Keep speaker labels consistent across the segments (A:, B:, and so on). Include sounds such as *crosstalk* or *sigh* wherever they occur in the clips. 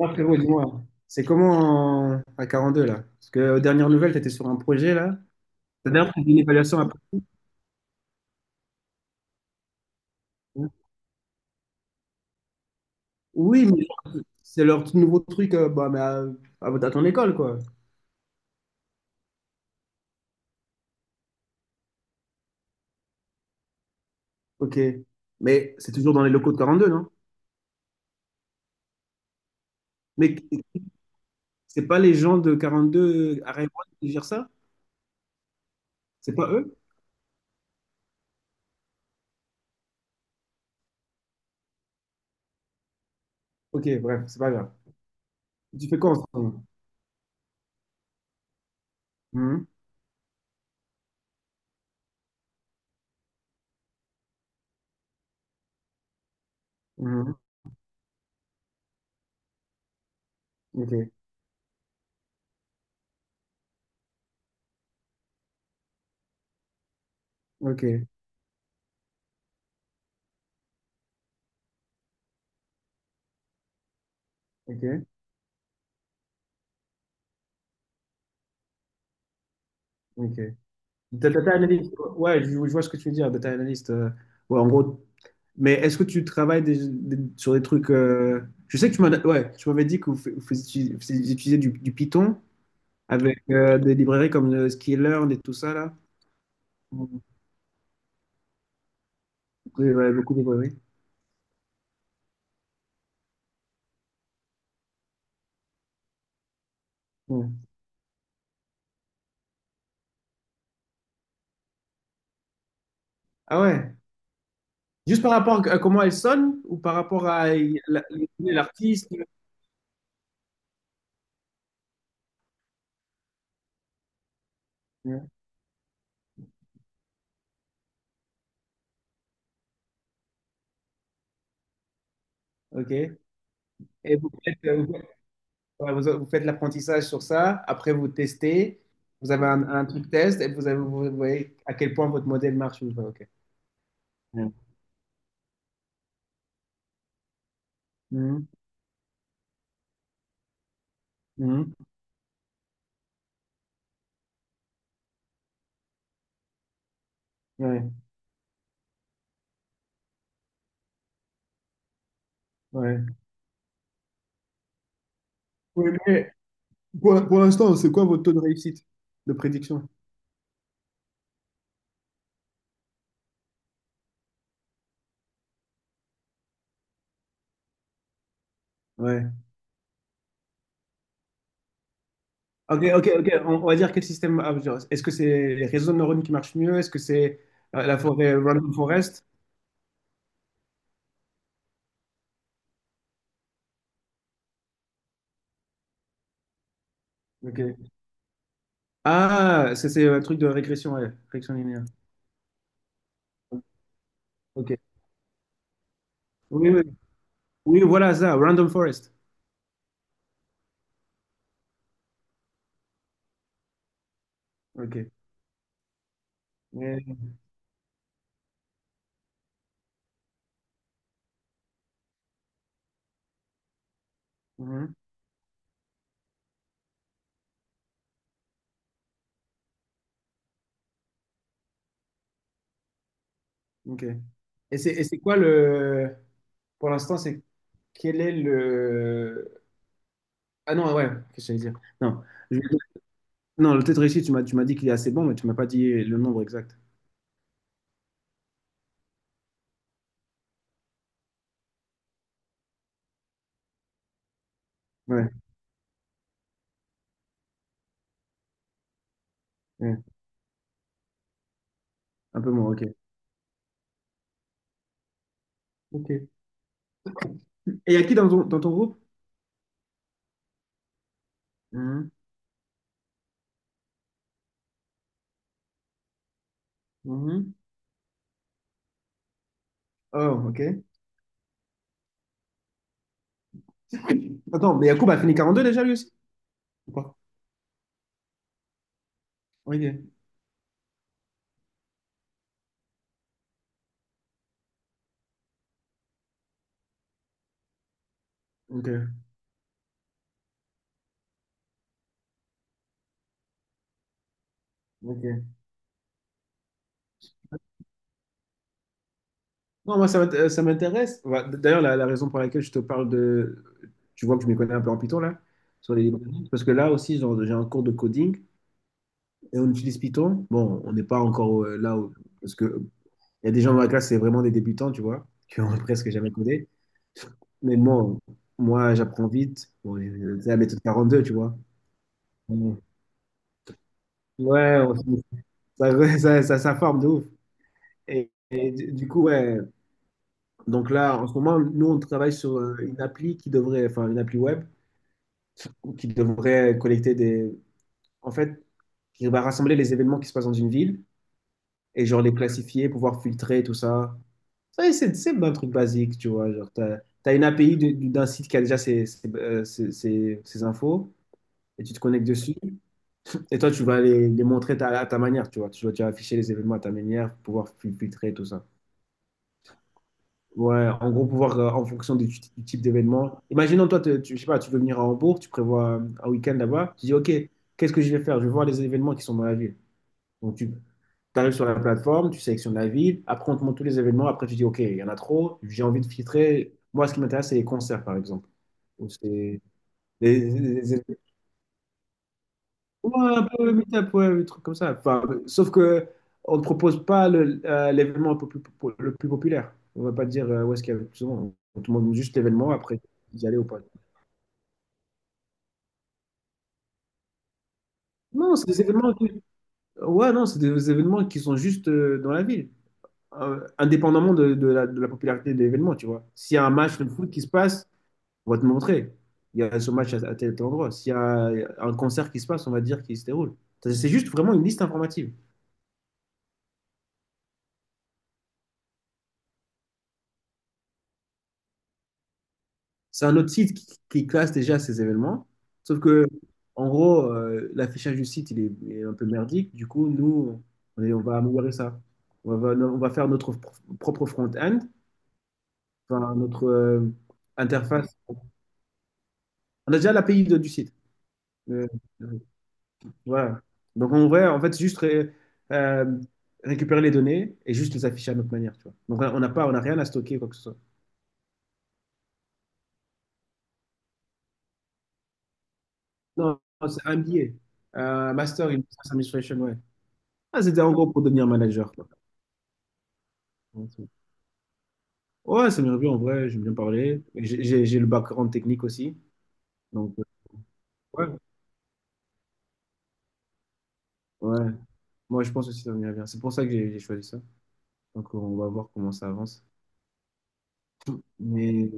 A: Ah, frérot, dis-moi, c'est comment à 42 là? Parce que aux dernières nouvelles, tu étais sur un projet là. T'as d'ailleurs fait une évaluation après. Hein. Oui, mais c'est leur tout nouveau truc bah, mais à ton école quoi. Ok. Mais c'est toujours dans les locaux de 42, non? Mais c'est pas les gens de 42 à Raymond qui gèrent ça? C'est pas eux? Ok, bref, c'est pas grave. Tu fais quoi en ce moment? Mhm. Mhm. Ok, ok, ok, ok. Data analyst, ouais, je vois ce que tu veux dire, data analyst. Ouais, en gros. Mais est-ce que tu travailles sur des trucs Je sais que tu m'en as- ouais, tu m'avais dit que fais- du Python avec des librairies comme Skillearn et tout ça là. Vous pouvez, ouais, beaucoup de librairies. Ouais. Ah ouais. Juste par rapport à comment elles sonnent ou par rapport à l'artiste. Ouais. Ok. Et vous faites, vous, ouais, vous faites l'apprentissage sur ça. Après vous testez. Vous avez un truc test et vous voyez à quel point votre modèle marche ou pas. Ok. Ouais. Mhm. Mhm. Ouais. Ouais. Oui, mais pour l'instant, c'est quoi votre taux de réussite de prédiction? Ouais. Ok, ok, ok. On va dire quel système. Ah, genre, est-ce que c'est les réseaux de neurones qui marchent mieux? Est-ce que c'est la forêt Random Forest? Ok. Ah, ça, c'est un truc de régression, ouais, régression linéaire. Ok. Oui, oui. Oui, voilà ça, Random Forest. Ok. Euh, mhm, ok. Et c'est quoi le. Pour l'instant, c'est. Quel est le. Ah non, ouais, qu'est-ce que j'allais dire? Non. Non, le test réussi, tu m'as dit qu'il est assez bon, mais tu m'as pas dit le nombre exact. Ouais, ouais, un peu moins, ok. Ok. Et il y a qui dans ton groupe? Mhm. Mhm. Oh, ok. Attends, mais Yacoub a fini 42 déjà lui aussi? Ou pas? Ok. Ok. Ok. Non, moi, ça m'intéresse. Ouais, d'ailleurs, la raison pour laquelle je te parle de... Tu vois que je m'y connais un peu en Python, là, sur les librairies. Parce que là aussi, genre, j'ai un cours de coding et on utilise Python. Bon, on n'est pas encore là où... Parce que Il y a des gens dans la classe, c'est vraiment des débutants, tu vois, qui ont *laughs* presque jamais codé. Mais bon, moi, j'apprends vite. Bon, c'est la méthode 42, tu vois. Mm. Ouais, ça, *laughs* ça forme de ouf. Et du coup, ouais. Donc là, en ce moment, nous, on travaille sur une appli qui devrait, enfin, une appli web qui devrait collecter des. En fait, qui va rassembler les événements qui se passent dans une ville et genre les classifier, pouvoir filtrer tout ça. Ça, c'est simple un truc basique, tu vois. Genre, t'as une API d'un site qui a déjà ses infos et tu te connectes dessus. Et toi, tu vas les montrer à ta manière, tu vois. Tu vas afficher les événements à ta manière pour pouvoir filtrer tout ça. Ouais, en gros, pouvoir, en fonction du type d'événement. Imaginons, toi, tu, je sais pas, tu veux venir à Hambourg, tu prévois un week-end là-bas. Tu dis, OK, qu'est-ce que je vais faire? Je vais voir les événements qui sont dans la ville. Donc, tu arrives sur la plateforme, tu sélectionnes la ville, après on te montre tous les événements, après tu dis, OK, il y en a trop, j'ai envie de filtrer. Moi, ce qui m'intéresse, c'est les concerts, par exemple. Ou c'est des événements un peu meet-up, ouais, des trucs comme ça. Enfin, sauf que on ne propose pas l'événement un peu plus, le plus populaire. On ne va pas te dire où est-ce qu'il y a le plus souvent. On te montre juste l'événement, après y aller ou pas. Non, c'est des événements qui... Ouais, non, c'est des événements qui sont juste dans la ville, indépendamment de la popularité de l'événement, tu vois. S'il y a un match de foot qui se passe, on va te montrer. Il y a ce match à tel tel endroit. S'il y a un concert qui se passe, on va dire qu'il se déroule. C'est juste vraiment une liste informative. C'est un autre site qui classe déjà ces événements. Sauf que, en gros, l'affichage du site, il est un peu merdique. Du coup, nous, on va améliorer ça. On va faire notre propre front-end, enfin, notre interface. On a déjà l'API du site. Euh, Ouais. Donc en vrai, en fait, c'est juste euh, récupérer les données et juste les afficher à notre manière, tu vois. Donc on n'a rien à stocker, quoi que ce soit. Non, non, c'est un billet. Master in Business Administration, ouais. Ah, c'était en gros pour devenir manager, quoi. Ouais, ça m'est revenu en vrai, j'aime bien parler. Et j'ai le background technique aussi. Donc ouais, ouais. Moi, je pense aussi que ça m'est bien. C'est pour ça que j'ai choisi ça. Donc on va voir comment ça avance. Mais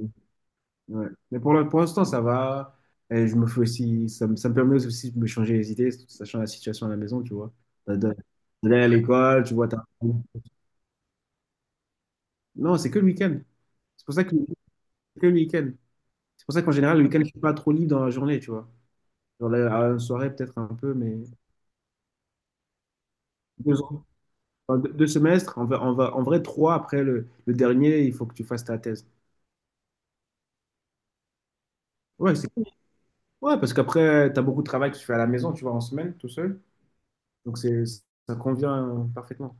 A: Ouais. Mais pour pour l'instant, ça va. Et je me fais aussi, ça me permet aussi de me changer les idées, sachant la situation à la maison, tu vois. De- de- D'aller à l'école, tu vois. Non, c'est que le week-end. C'est pour ça que, le week-end. C'est pour ça qu'en général, le week-end, je suis pas trop libre dans la journée, tu vois. Genre à une soirée, peut-être un peu, mais 2 ans. Enfin, deux semestres, on va, en vrai, 3 après le dernier, il faut que tu fasses ta thèse. Ouais, c'est cool. Ouais, parce qu'après, tu as beaucoup de travail que tu fais à la maison, tu vois, en semaine, tout seul. Donc, ça convient parfaitement.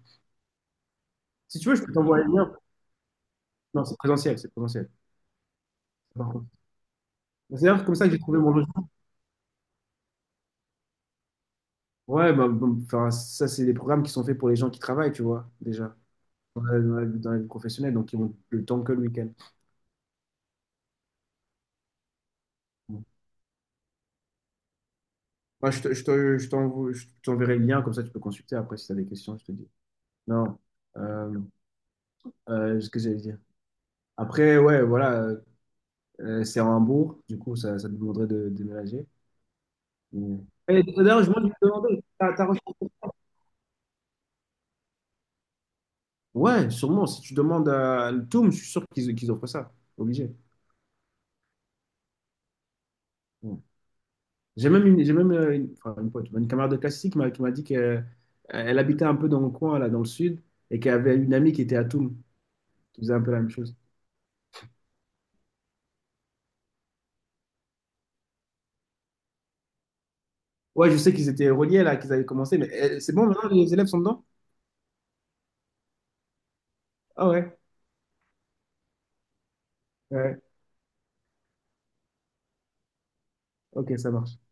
A: Si tu veux, je peux t'envoyer le lien. Non, c'est présentiel, c'est présentiel. Par contre. C'est d'ailleurs comme ça que j'ai trouvé mon logement. Ouais, bah, bon, enfin, ça, c'est des programmes qui sont faits pour les gens qui travaillent, tu vois, déjà, dans la vie professionnelle, donc ils ont le temps que le week-end. Bon. Moi, je t'enverrai le lien, comme ça, tu peux consulter. Après, si tu as des questions, je te dis. Non, euh, ce que j'allais dire. Après, ouais, voilà, c'est en Hambourg, du coup, ça te demanderait déménager. Mais- Et d'ailleurs, je moi, je me demandais, t'as recherché. Ouais, sûrement. Si tu demandes à le Toum, je suis sûr qu'ils offrent ça. Obligé. Ouais. J'ai même enfin, une pote, une camarade de classe ici qui m'a dit qu'elle elle habitait un peu dans le coin, là, dans le sud, et qu'elle avait une amie qui était à Toum, qui faisait un peu la même chose. Ouais, je sais qu'ils étaient reliés, là, qu'ils avaient commencé, mais c'est bon, maintenant les élèves sont dedans? Ah ouais, ouais, ok, ça marche.